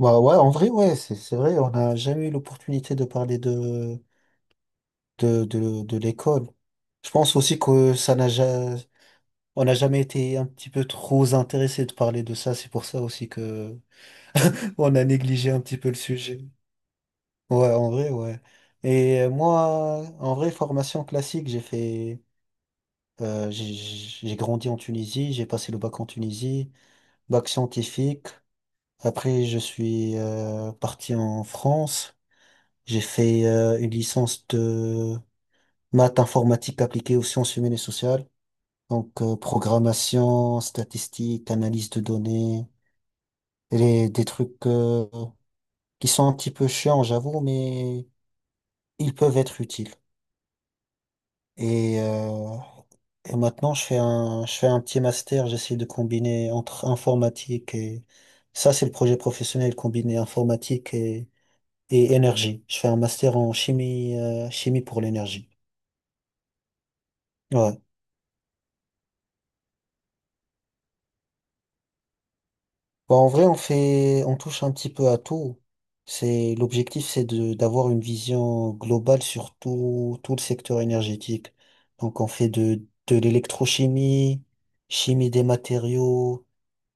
Bah ouais, en vrai, ouais, c'est vrai, on n'a jamais eu l'opportunité de parler de l'école. Je pense aussi que ça n'a ja- on n'a jamais été un petit peu trop intéressé de parler de ça. C'est pour ça aussi que on a négligé un petit peu le sujet. Ouais, en vrai, ouais. Et moi, en vrai, formation classique, j'ai grandi en Tunisie, j'ai passé le bac en Tunisie, bac scientifique. Après, je suis parti en France. J'ai fait une licence de maths informatique appliquée aux sciences humaines et sociales. Donc, programmation, statistique, analyse de données, et des trucs qui sont un petit peu chiants, j'avoue, mais ils peuvent être utiles. Et, euh, et maintenant, je fais un petit master, j'essaie de combiner entre informatique et... Ça, c'est le projet professionnel, combiner informatique et énergie. Je fais un master en chimie, chimie pour l'énergie. Ouais. Bah, en vrai, on touche un petit peu à tout. L'objectif, c'est d'avoir une vision globale sur tout, tout le secteur énergétique. Donc, on fait de l'électrochimie, chimie des matériaux,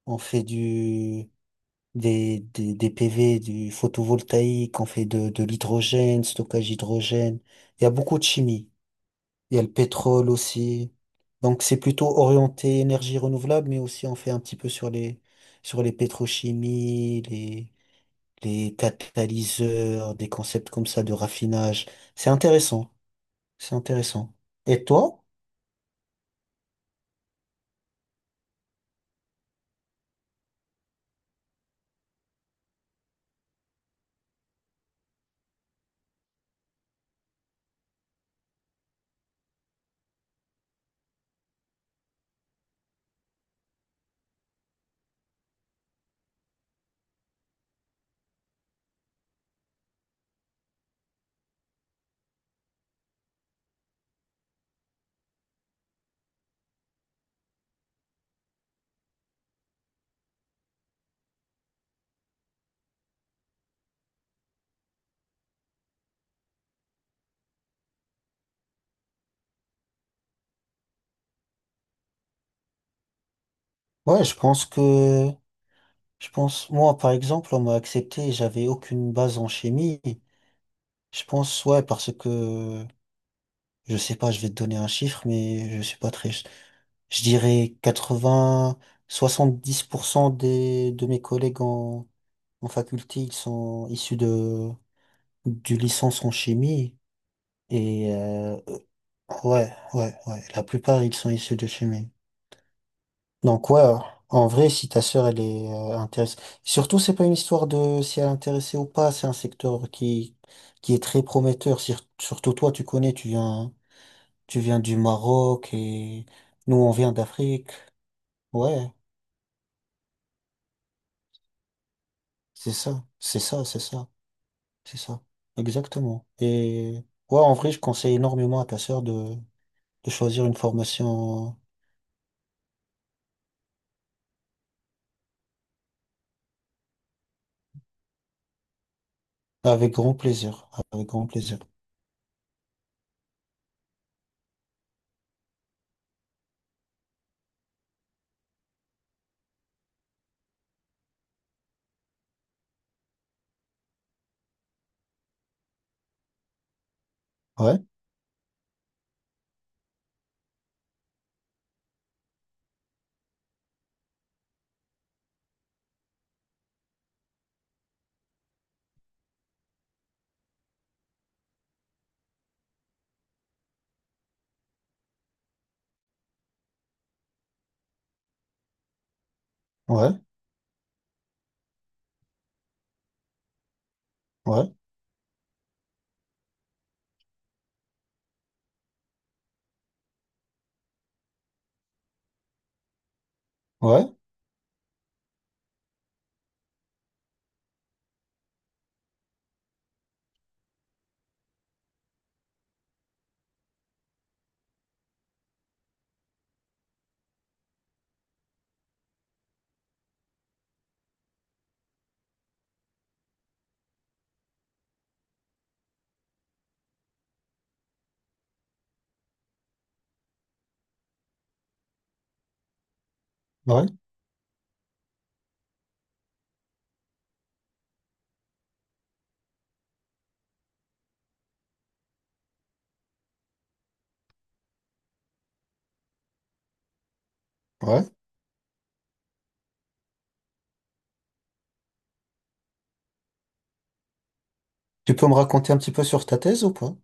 on fait des PV, du photovoltaïque, on fait de l'hydrogène, stockage hydrogène. Il y a beaucoup de chimie. Il y a le pétrole aussi. Donc c'est plutôt orienté énergie renouvelable, mais aussi on fait un petit peu sur les pétrochimies, les catalyseurs, des concepts comme ça de raffinage. C'est intéressant, c'est intéressant. Et toi? Ouais, je pense que je pense moi par exemple on m'a accepté, j'avais aucune base en chimie. Je pense ouais parce que je sais pas, je vais te donner un chiffre, mais je suis pas très Je dirais 80, 70% de mes collègues en faculté, ils sont issus du licence en chimie. Et ouais, la plupart, ils sont issus de chimie. Donc ouais, en vrai, si ta sœur, elle est intéressée. Surtout, c'est pas une histoire de si elle est intéressée ou pas, c'est un secteur qui est très prometteur. Surtout toi, tu connais, tu viens du Maroc et nous, on vient d'Afrique. Ouais. C'est ça, c'est ça. Exactement. Et ouais, en vrai, je conseille énormément à ta sœur de choisir une formation avec grand plaisir. Avec grand plaisir. Ouais, ouais, ouais, ouais, ouais, ouais. Tu peux me raconter un petit peu sur ta thèse ou pas?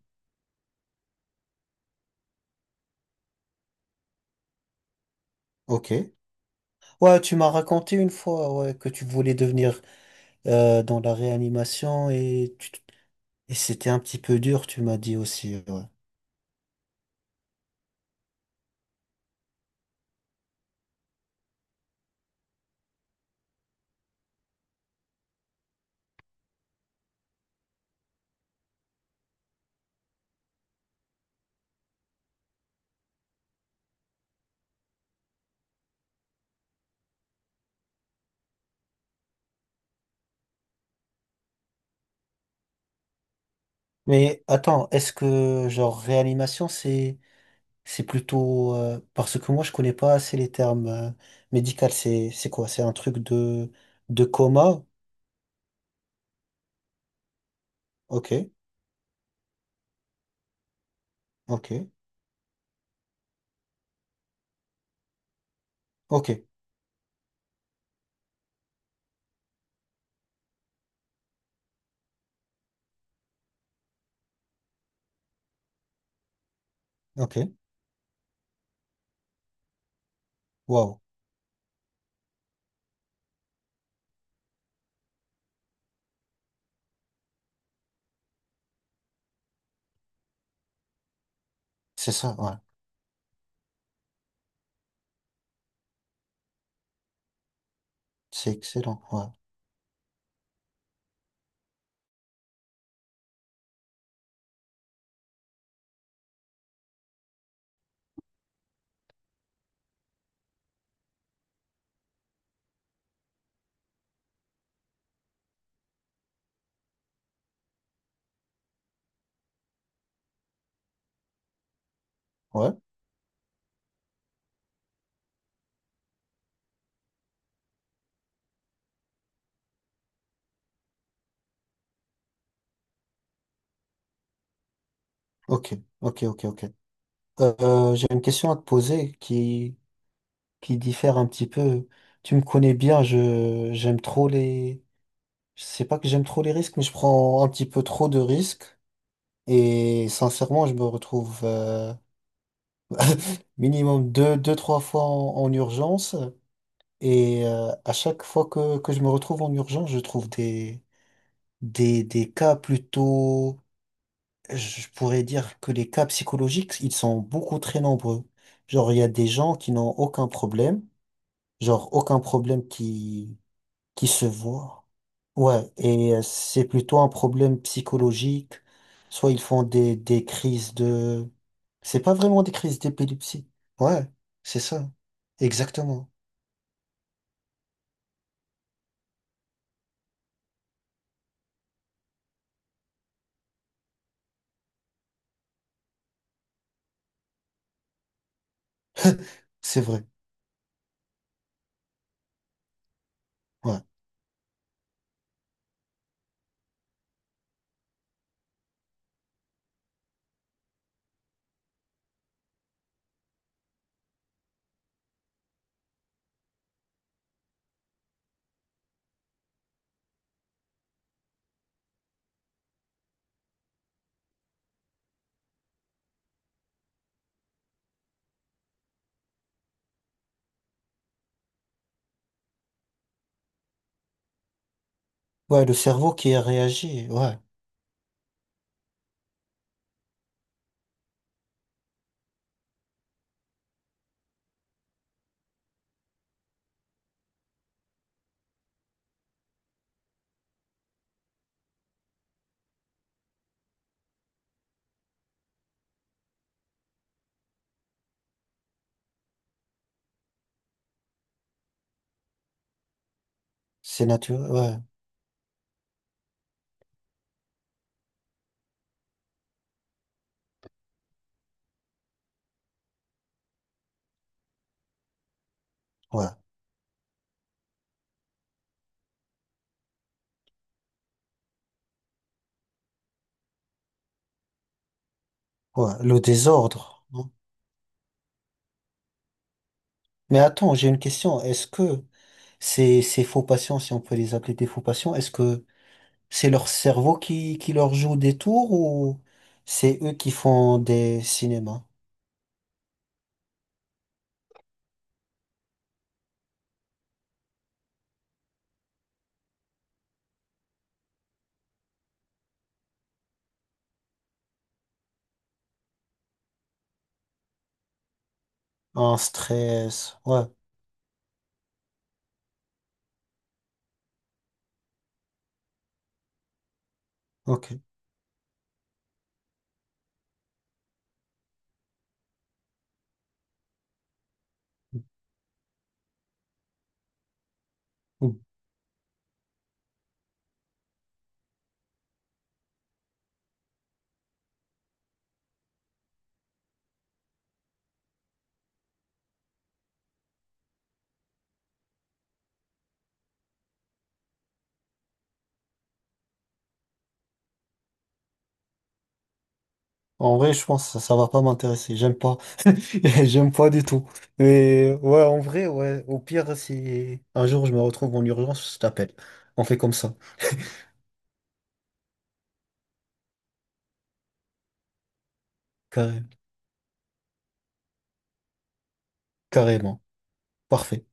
Ok. Ouais, tu m'as raconté une fois ouais, que tu voulais devenir dans la réanimation et c'était un petit peu dur, tu m'as dit aussi. Ouais. Mais attends, est-ce que genre réanimation, c'est plutôt parce que moi je connais pas assez les termes médicaux. C'est quoi? C'est un truc de coma? Ok, ok, ok, ok. Waouh, c'est ça. Ouais, c'est excellent. Ouais, ouais. Ok, ok. J'ai une question à te poser qui diffère un petit peu. Tu me connais bien. Je J'aime trop les. Je sais pas que j'aime trop les risques, mais je prends un petit peu trop de risques. Et sincèrement, je me retrouve. Minimum deux, trois fois en urgence. Et à chaque fois que je me retrouve en urgence, je trouve des cas plutôt, je pourrais dire que les cas psychologiques, ils sont beaucoup très nombreux. Genre, il y a des gens qui n'ont aucun problème, genre aucun problème qui se voit. Ouais, et c'est plutôt un problème psychologique. Soit ils font des crises de... C'est pas vraiment des crises d'épilepsie. Ouais, c'est ça. Exactement. C'est vrai. Ouais. Ouais, le cerveau qui a réagi. Ouais. C'est naturel. Ouais. Ouais. Ouais. Le désordre, hein. Mais attends, j'ai une question. Est-ce que ces faux patients, si on peut les appeler des faux patients, est-ce que c'est leur cerveau qui leur joue des tours ou c'est eux qui font des cinémas? Un stress. Ouais, ok. En vrai, je pense que ça va pas m'intéresser. J'aime pas. J'aime pas du tout. Mais ouais, en vrai, ouais. Au pire, si un jour je me retrouve en urgence, je t'appelle. On fait comme ça. Carré- Carrément. Parfait.